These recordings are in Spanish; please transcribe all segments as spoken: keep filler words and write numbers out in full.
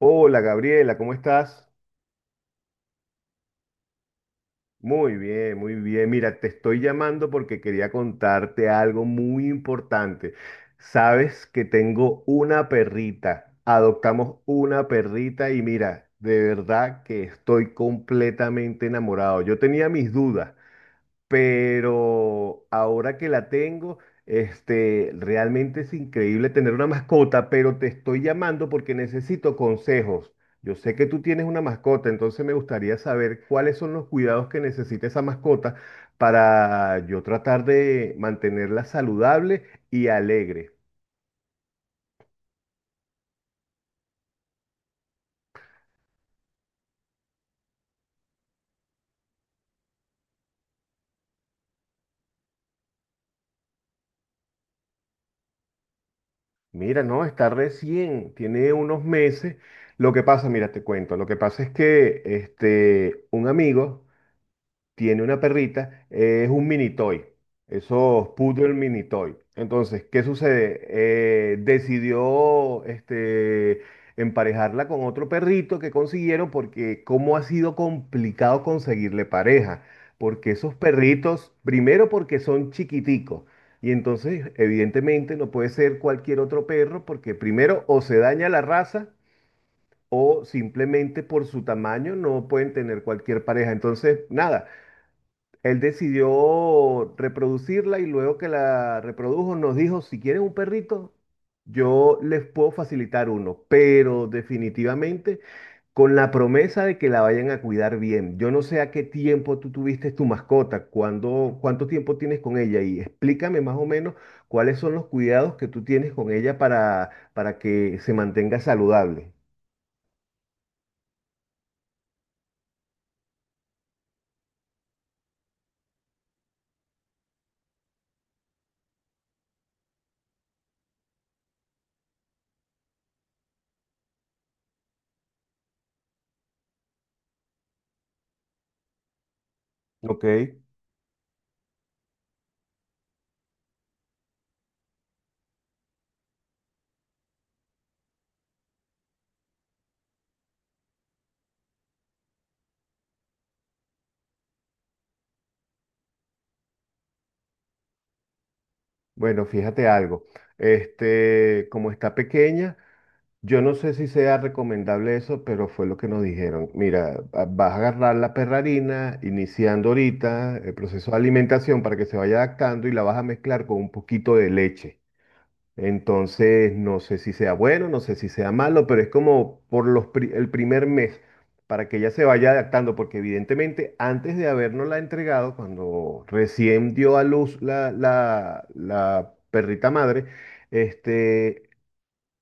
Hola Gabriela, ¿cómo estás? Muy bien, muy bien. Mira, te estoy llamando porque quería contarte algo muy importante. Sabes que tengo una perrita. Adoptamos una perrita y mira, de verdad que estoy completamente enamorado. Yo tenía mis dudas pero ahora que la tengo, este, realmente es increíble tener una mascota, pero te estoy llamando porque necesito consejos. Yo sé que tú tienes una mascota, entonces me gustaría saber cuáles son los cuidados que necesita esa mascota para yo tratar de mantenerla saludable y alegre. Mira, no, está recién, tiene unos meses. Lo que pasa, mira, te cuento, lo que pasa es que este, un amigo tiene una perrita, eh, es un mini toy, esos poodle mini toy. Entonces, ¿qué sucede? Eh, decidió este, emparejarla con otro perrito que consiguieron porque cómo ha sido complicado conseguirle pareja, porque esos perritos, primero porque son chiquiticos. Y entonces, evidentemente, no puede ser cualquier otro perro porque primero o se daña la raza o simplemente por su tamaño no pueden tener cualquier pareja. Entonces, nada, él decidió reproducirla y luego que la reprodujo nos dijo, si quieren un perrito, yo les puedo facilitar uno, pero definitivamente con la promesa de que la vayan a cuidar bien. Yo no sé a qué tiempo tú tuviste tu mascota, cuándo, cuánto tiempo tienes con ella y explícame más o menos cuáles son los cuidados que tú tienes con ella para, para que se mantenga saludable. Ok, bueno, fíjate algo. Este, como está pequeña. Yo no sé si sea recomendable eso, pero fue lo que nos dijeron. Mira, a- vas a agarrar la perrarina, iniciando ahorita el proceso de alimentación para que se vaya adaptando y la vas a mezclar con un poquito de leche. Entonces, no sé si sea bueno, no sé si sea malo, pero es como por los pri- el primer mes, para que ella se vaya adaptando, porque evidentemente antes de habernosla entregado, cuando recién dio a luz la, la la perrita madre, este,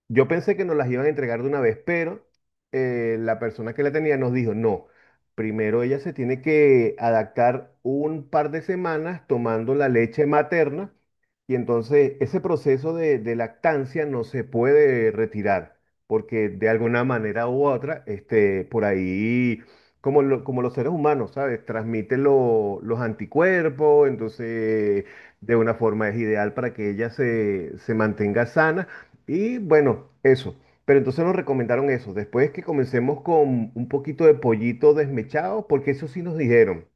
yo pensé que nos las iban a entregar de una vez, pero eh, la persona que la tenía nos dijo, no, primero ella se tiene que adaptar un par de semanas tomando la leche materna y entonces ese proceso de, de lactancia no se puede retirar porque de alguna manera u otra, este, por ahí, como, lo- como los seres humanos, ¿sabes? Transmite lo- los anticuerpos, entonces de una forma es ideal para que ella se se mantenga sana. Y bueno, eso. Pero entonces nos recomendaron eso. Después que comencemos con un poquito de pollito desmechado, porque eso sí nos dijeron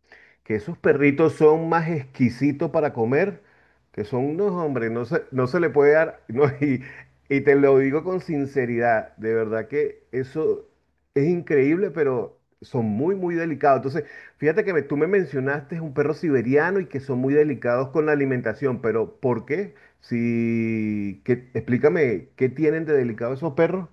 que esos perritos son más exquisitos para comer, que son unos hombres, no se, no se le puede dar. No, y, y te lo digo con sinceridad, de verdad que eso es increíble, pero son muy, muy delicados. Entonces, fíjate que me- tú me mencionaste un perro siberiano y que son muy delicados con la alimentación, pero ¿por qué? Sí, qué explícame, ¿qué tienen de delicado esos perros?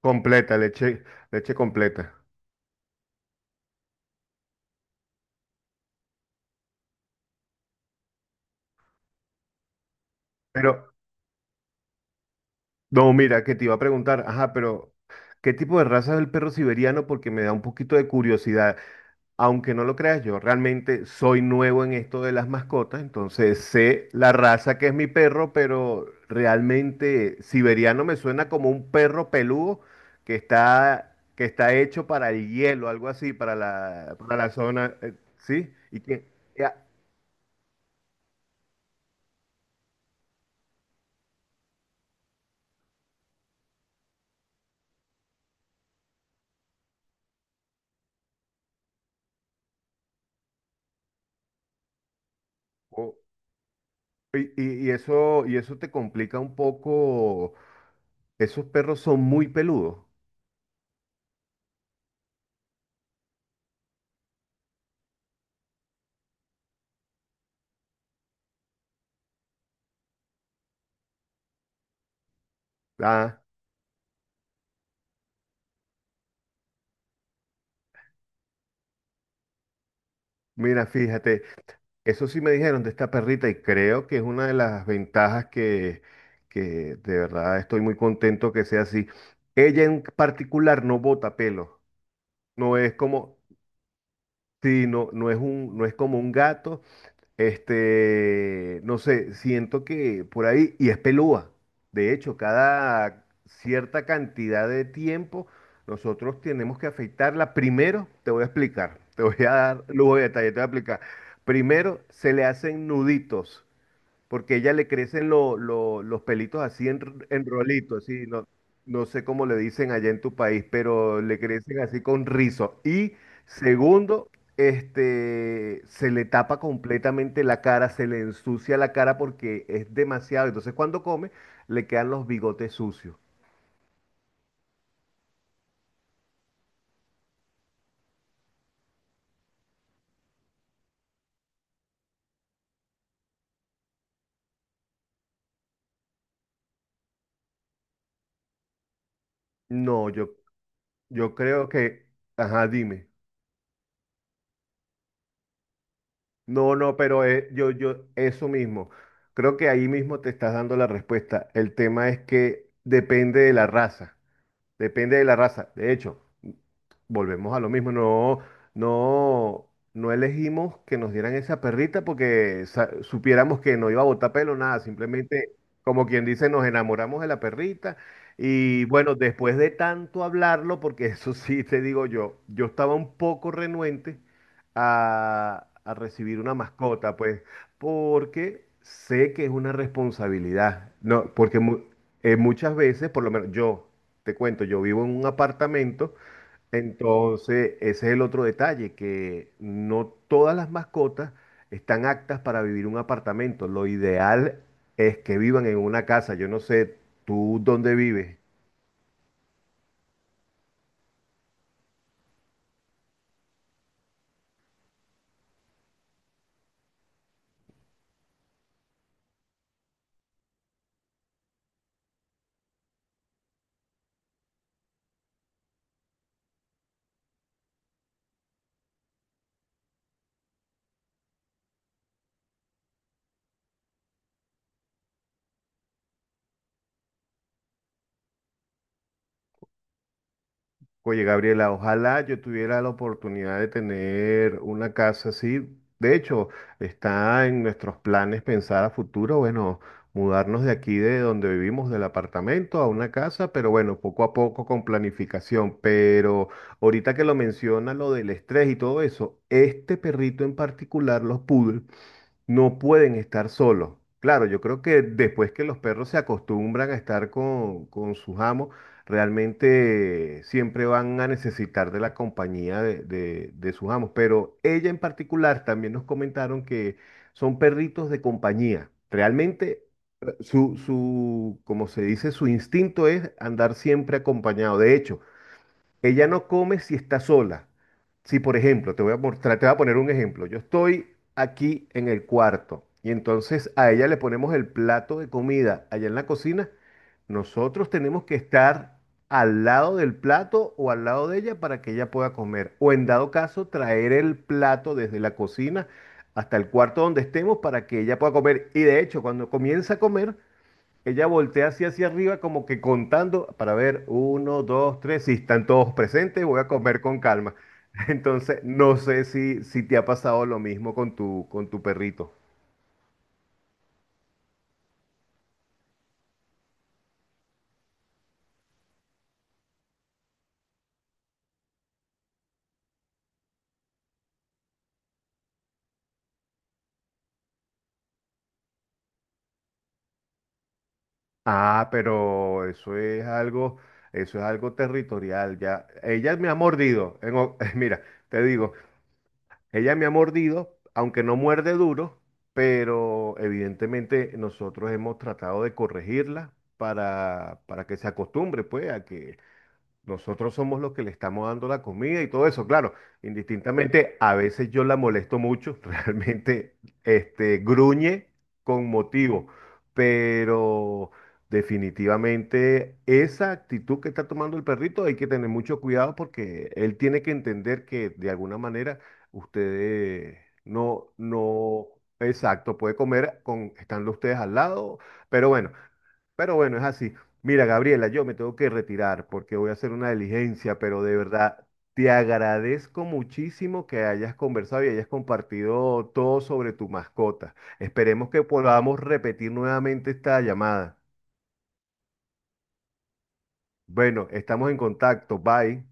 Completa, leche, leche completa. Pero, no, mira, que te iba a preguntar, ajá, pero ¿qué tipo de raza es el perro siberiano? Porque me da un poquito de curiosidad. Aunque no lo creas, yo realmente soy nuevo en esto de las mascotas, entonces sé la raza que es mi perro, pero realmente siberiano me suena como un perro peludo que está, que está hecho para el hielo, algo así, para la, para la zona, eh, ¿sí? Y que, ya, o- y, y- y eso, y eso te complica un poco, esos perros son muy peludos. Ah, mira, fíjate. Eso sí me dijeron de esta perrita y creo que es una de las ventajas que, que de verdad estoy muy contento que sea así. Ella en particular no bota pelo, no es como, sí, no, no es un, no es como un gato este, no sé, siento que por ahí, y es pelúa. De hecho, cada cierta cantidad de tiempo nosotros tenemos que afeitarla. Primero, te voy a explicar, te voy a dar lujo de detalle, te voy a explicar. Primero, se le hacen nuditos porque ella le crecen lo- lo- los pelitos así en, en rolito, así, no, no sé cómo le dicen allá en tu país, pero le crecen así con rizo. Y segundo, este, se le tapa completamente la cara, se le ensucia la cara porque es demasiado. Entonces cuando come, le quedan los bigotes sucios. No, yo, yo creo que, ajá, dime. No, no, pero eh, yo, yo, eso mismo. Creo que ahí mismo te estás dando la respuesta. El tema es que depende de la raza. Depende de la raza. De hecho, volvemos a lo mismo, no, no, no elegimos que nos dieran esa perrita porque sa- supiéramos que no iba a botar pelo, nada, simplemente, como quien dice, nos enamoramos de la perrita. Y bueno, después de tanto hablarlo, porque eso sí te digo yo, yo estaba un poco renuente a, a recibir una mascota, pues, porque sé que es una responsabilidad, no, porque mu- eh, muchas veces, por lo menos yo, te cuento, yo vivo en un apartamento. Entonces, ese es el otro detalle, que no todas las mascotas están aptas para vivir en un apartamento. Lo ideal es que vivan en una casa. Yo no sé, ¿tú dónde vives? Oye, Gabriela, ojalá yo tuviera la oportunidad de tener una casa así. De hecho, está en nuestros planes pensar a futuro, bueno, mudarnos de aquí, de donde vivimos, del apartamento a una casa, pero bueno, poco a poco con planificación. Pero ahorita que lo menciona, lo del estrés y todo eso, este perrito en particular, los poodles, no pueden estar solos. Claro, yo creo que después que los perros se acostumbran a estar con, con sus amos, realmente siempre van a necesitar de la compañía de, de- de sus amos. Pero ella en particular también nos comentaron que son perritos de compañía. Realmente su, su, como se dice, su instinto es andar siempre acompañado. De hecho, ella no come si está sola. Si, por ejemplo, te voy a mostrar, te voy a poner un ejemplo. Yo estoy aquí en el cuarto y entonces a ella le ponemos el plato de comida allá en la cocina. Nosotros tenemos que estar al lado del plato o al lado de ella para que ella pueda comer. O en dado caso, traer el plato desde la cocina hasta el cuarto donde estemos para que ella pueda comer. Y de hecho, cuando comienza a comer, ella voltea así hacia arriba, como que contando para ver, uno, dos, tres, si están todos presentes, voy a comer con calma. Entonces, no sé si, si te ha pasado lo mismo con tu, con tu perrito. Ah, pero eso es algo, eso es algo territorial ya. Ella me ha mordido. En o- mira, te digo, ella me ha mordido, aunque no muerde duro, pero evidentemente nosotros hemos tratado de corregirla para, para que se acostumbre, pues, a que, nosotros somos los que le estamos dando la comida y todo eso. Claro, indistintamente, a veces yo la molesto mucho, realmente, este, gruñe con motivo, pero definitivamente esa actitud que está tomando el perrito hay que tener mucho cuidado porque él tiene que entender que de alguna manera ustedes no, no, exacto, puede comer con, estando ustedes al lado, pero bueno. Pero bueno, es así. Mira, Gabriela, yo me tengo que retirar porque voy a hacer una diligencia, pero de verdad te agradezco muchísimo que hayas conversado y hayas compartido todo sobre tu mascota. Esperemos que podamos repetir nuevamente esta llamada. Bueno, estamos en contacto. Bye.